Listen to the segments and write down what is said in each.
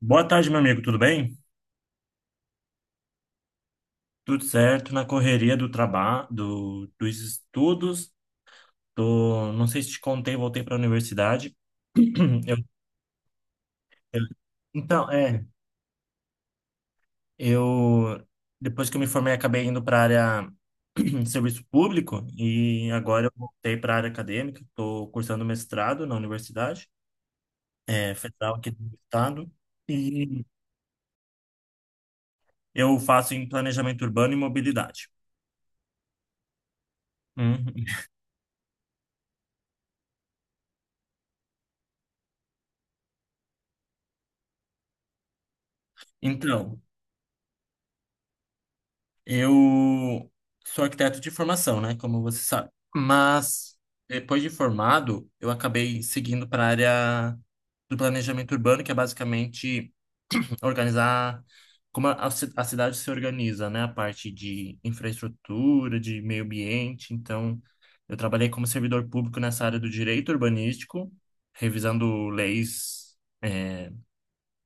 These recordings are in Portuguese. Boa tarde, meu amigo, tudo bem? Tudo certo, na correria do trabalho, dos estudos, não sei se te contei, voltei para a universidade. Eu, eu- então, é, eu, Depois que eu me formei, acabei indo para a área de serviço público e agora eu voltei para a área acadêmica, estou cursando mestrado na universidade, federal aqui do estado, e eu faço em planejamento urbano e mobilidade. Uhum. Então, eu sou arquiteto de formação, né? Como você sabe. Mas depois de formado, eu acabei seguindo para a área do planejamento urbano, que é basicamente organizar como a cidade se organiza, né? A parte de infraestrutura, de meio ambiente. Então, eu trabalhei como servidor público nessa área do direito urbanístico, revisando leis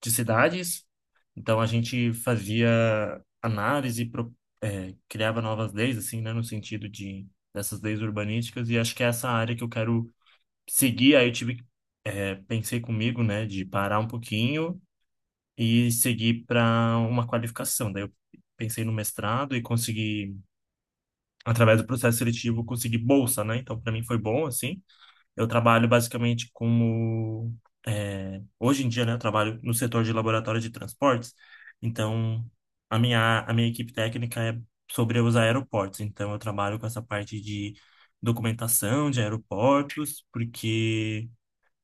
de cidades. Então a gente fazia análise, criava novas leis, assim, né, no sentido de dessas leis urbanísticas. E acho que é essa área que eu quero seguir. Aí eu tive, que, pensei comigo, né, de parar um pouquinho e seguir para uma qualificação. Daí eu pensei no mestrado e consegui, através do processo seletivo, conseguir bolsa, né? Então para mim foi bom, assim. Eu trabalho basicamente como. Hoje em dia, né, eu trabalho no setor de laboratório de transportes, então a minha equipe técnica é sobre os aeroportos, então eu trabalho com essa parte de documentação de aeroportos, porque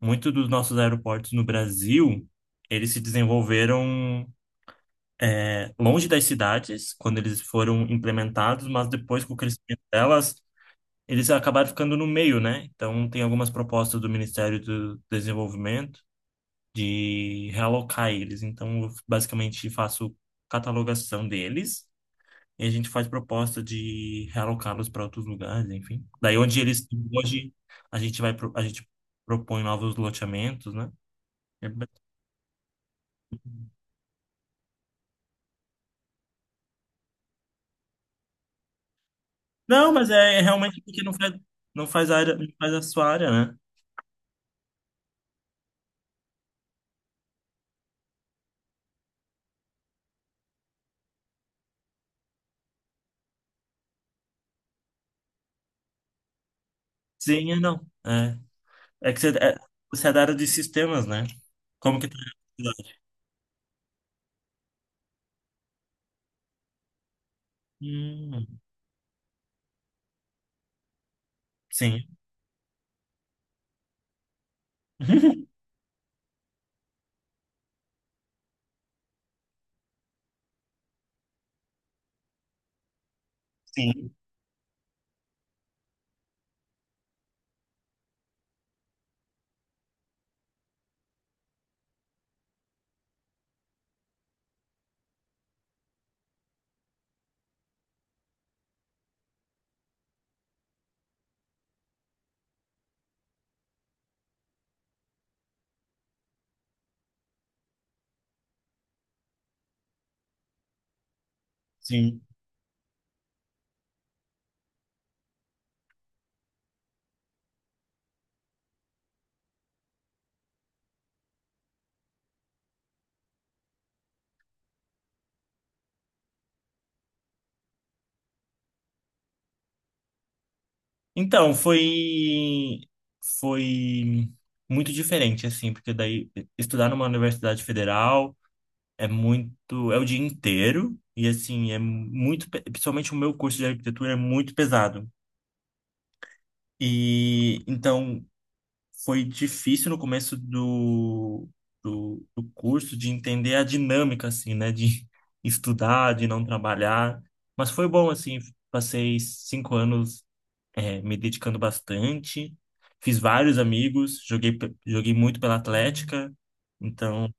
muitos dos nossos aeroportos no Brasil, eles se desenvolveram. Longe das cidades, quando eles foram implementados, mas depois com o crescimento delas, eles acabaram ficando no meio, né? Então, tem algumas propostas do Ministério do Desenvolvimento de realocar eles. Então, eu basicamente faço catalogação deles e a gente faz proposta de realocá-los para outros lugares, enfim. Daí, onde eles estão hoje, a gente propõe novos loteamentos, né? É ba- Não, mas é realmente porque não faz, não faz a área, não faz a sua área, né? Sim, é não. É que você é da área de sistemas, né? Como que tá? Hum, sim. Sim, sim. Então, foi muito diferente assim, porque daí estudar numa universidade federal é muito, é o dia inteiro e assim, é muito, pe- principalmente o meu curso de arquitetura é muito pesado. E então foi difícil no começo do curso de entender a dinâmica, assim, né? De estudar, de não trabalhar. Mas foi bom, assim, passei cinco anos, me dedicando bastante. Fiz vários amigos, joguei muito pela Atlética. Então,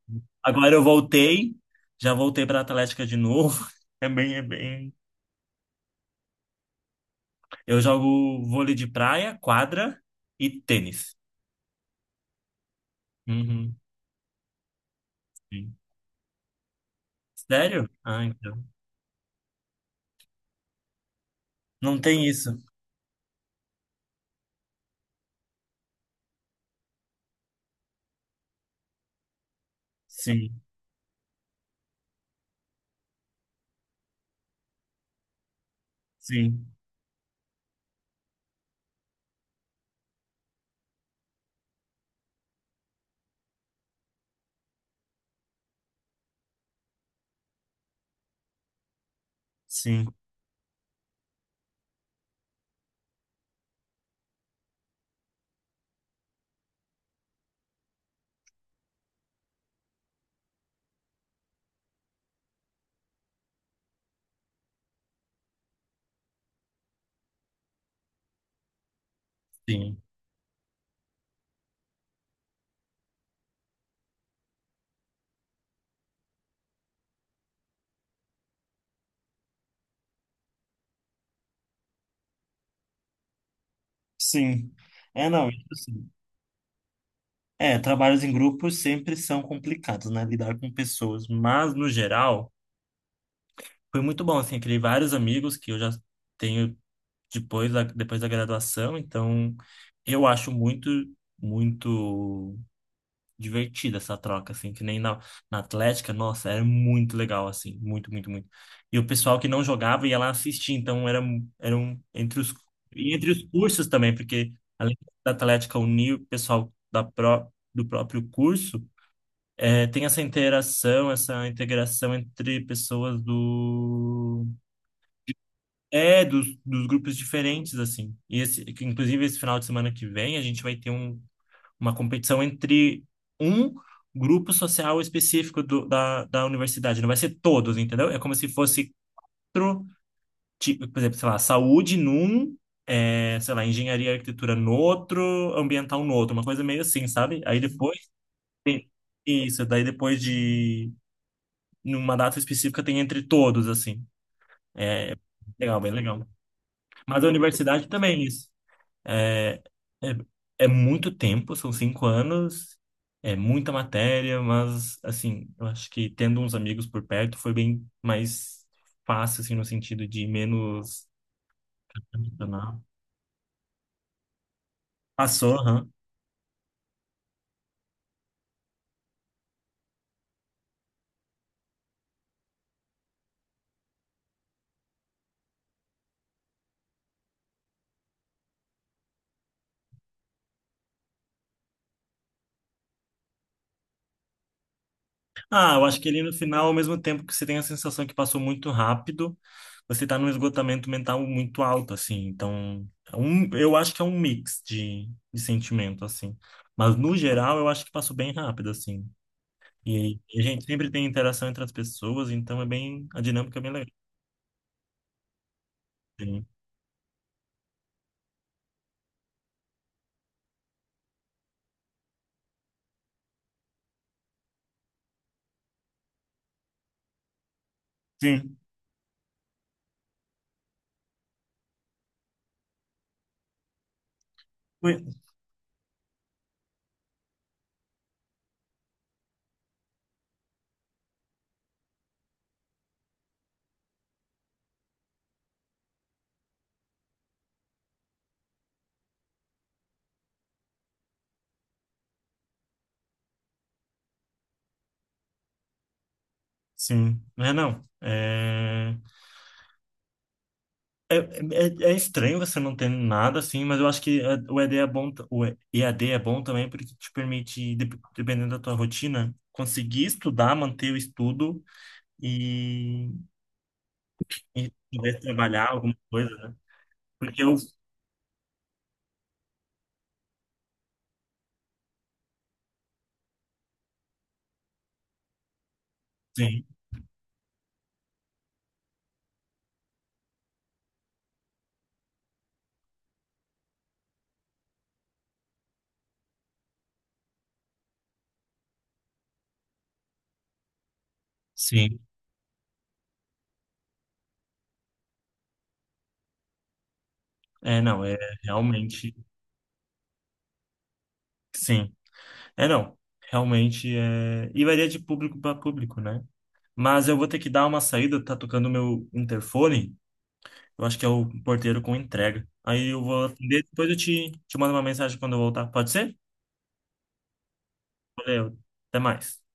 agora eu voltei, já voltei para Atlética de novo. É bem, é bem. Eu jogo vôlei de praia, quadra e tênis. Uhum. Sim. Sério? Ah, então. Não tem isso. Sim, sim, sim, sim, sim. É, não, isso sim. É, trabalhos em grupos sempre são complicados, né? Lidar com pessoas. Mas, no geral, foi muito bom, assim. Eu criei vários amigos que eu já tenho depois da graduação. Então, eu acho muito, muito. Divertida essa troca, assim, que nem na Atlética, nossa, era muito legal, assim, muito, muito, muito. E o pessoal que não jogava ia lá assistir, então era um, entre e entre os cursos também, porque além da Atlética unir o pessoal do próprio curso, é, tem essa interação, essa integração entre pessoas do... É, dos grupos diferentes, assim. E esse, que, inclusive, esse final de semana que vem, a gente vai ter uma competição entre um grupo social específico da universidade. Não vai ser todos, entendeu? É como se fosse, pro, tipo, por exemplo, sei lá, saúde num, é, sei lá, engenharia e arquitetura no outro, ambiental no outro, uma coisa meio assim, sabe? Aí depois tem isso, daí depois de, numa data específica, tem entre todos, assim. Legal, bem legal. Mas a universidade também, é isso. É, é, É muito tempo, são cinco anos, é muita matéria, mas, assim, eu acho que tendo uns amigos por perto foi bem mais fácil, assim, no sentido de menos emocional. Passou, aham. Ah, eu acho que ali no final, ao mesmo tempo que você tem a sensação que passou muito rápido, você tá num esgotamento mental muito alto, assim. Então, é um, eu acho que é um mix de sentimento, assim. Mas, no geral, eu acho que passou bem rápido, assim. E a gente sempre tem interação entre as pessoas, então é bem, a dinâmica é bem legal. Sim, sim, Ui, sim. Mas não, é estranho você não ter nada assim, mas eu acho que é, o ED é bom, EAD é bom também porque te permite, dependendo da tua rotina, conseguir estudar, manter o estudo e, e poder trabalhar alguma coisa, né? Porque eu, sim, sim, é, não, é realmente, sim. É, não. Realmente é. E varia de público para público, né? Mas eu vou ter que dar uma saída, tá tocando o meu interfone. Eu acho que é o porteiro com entrega. Aí eu vou atender, depois eu te mando uma mensagem quando eu voltar. Pode ser? Valeu. Até mais.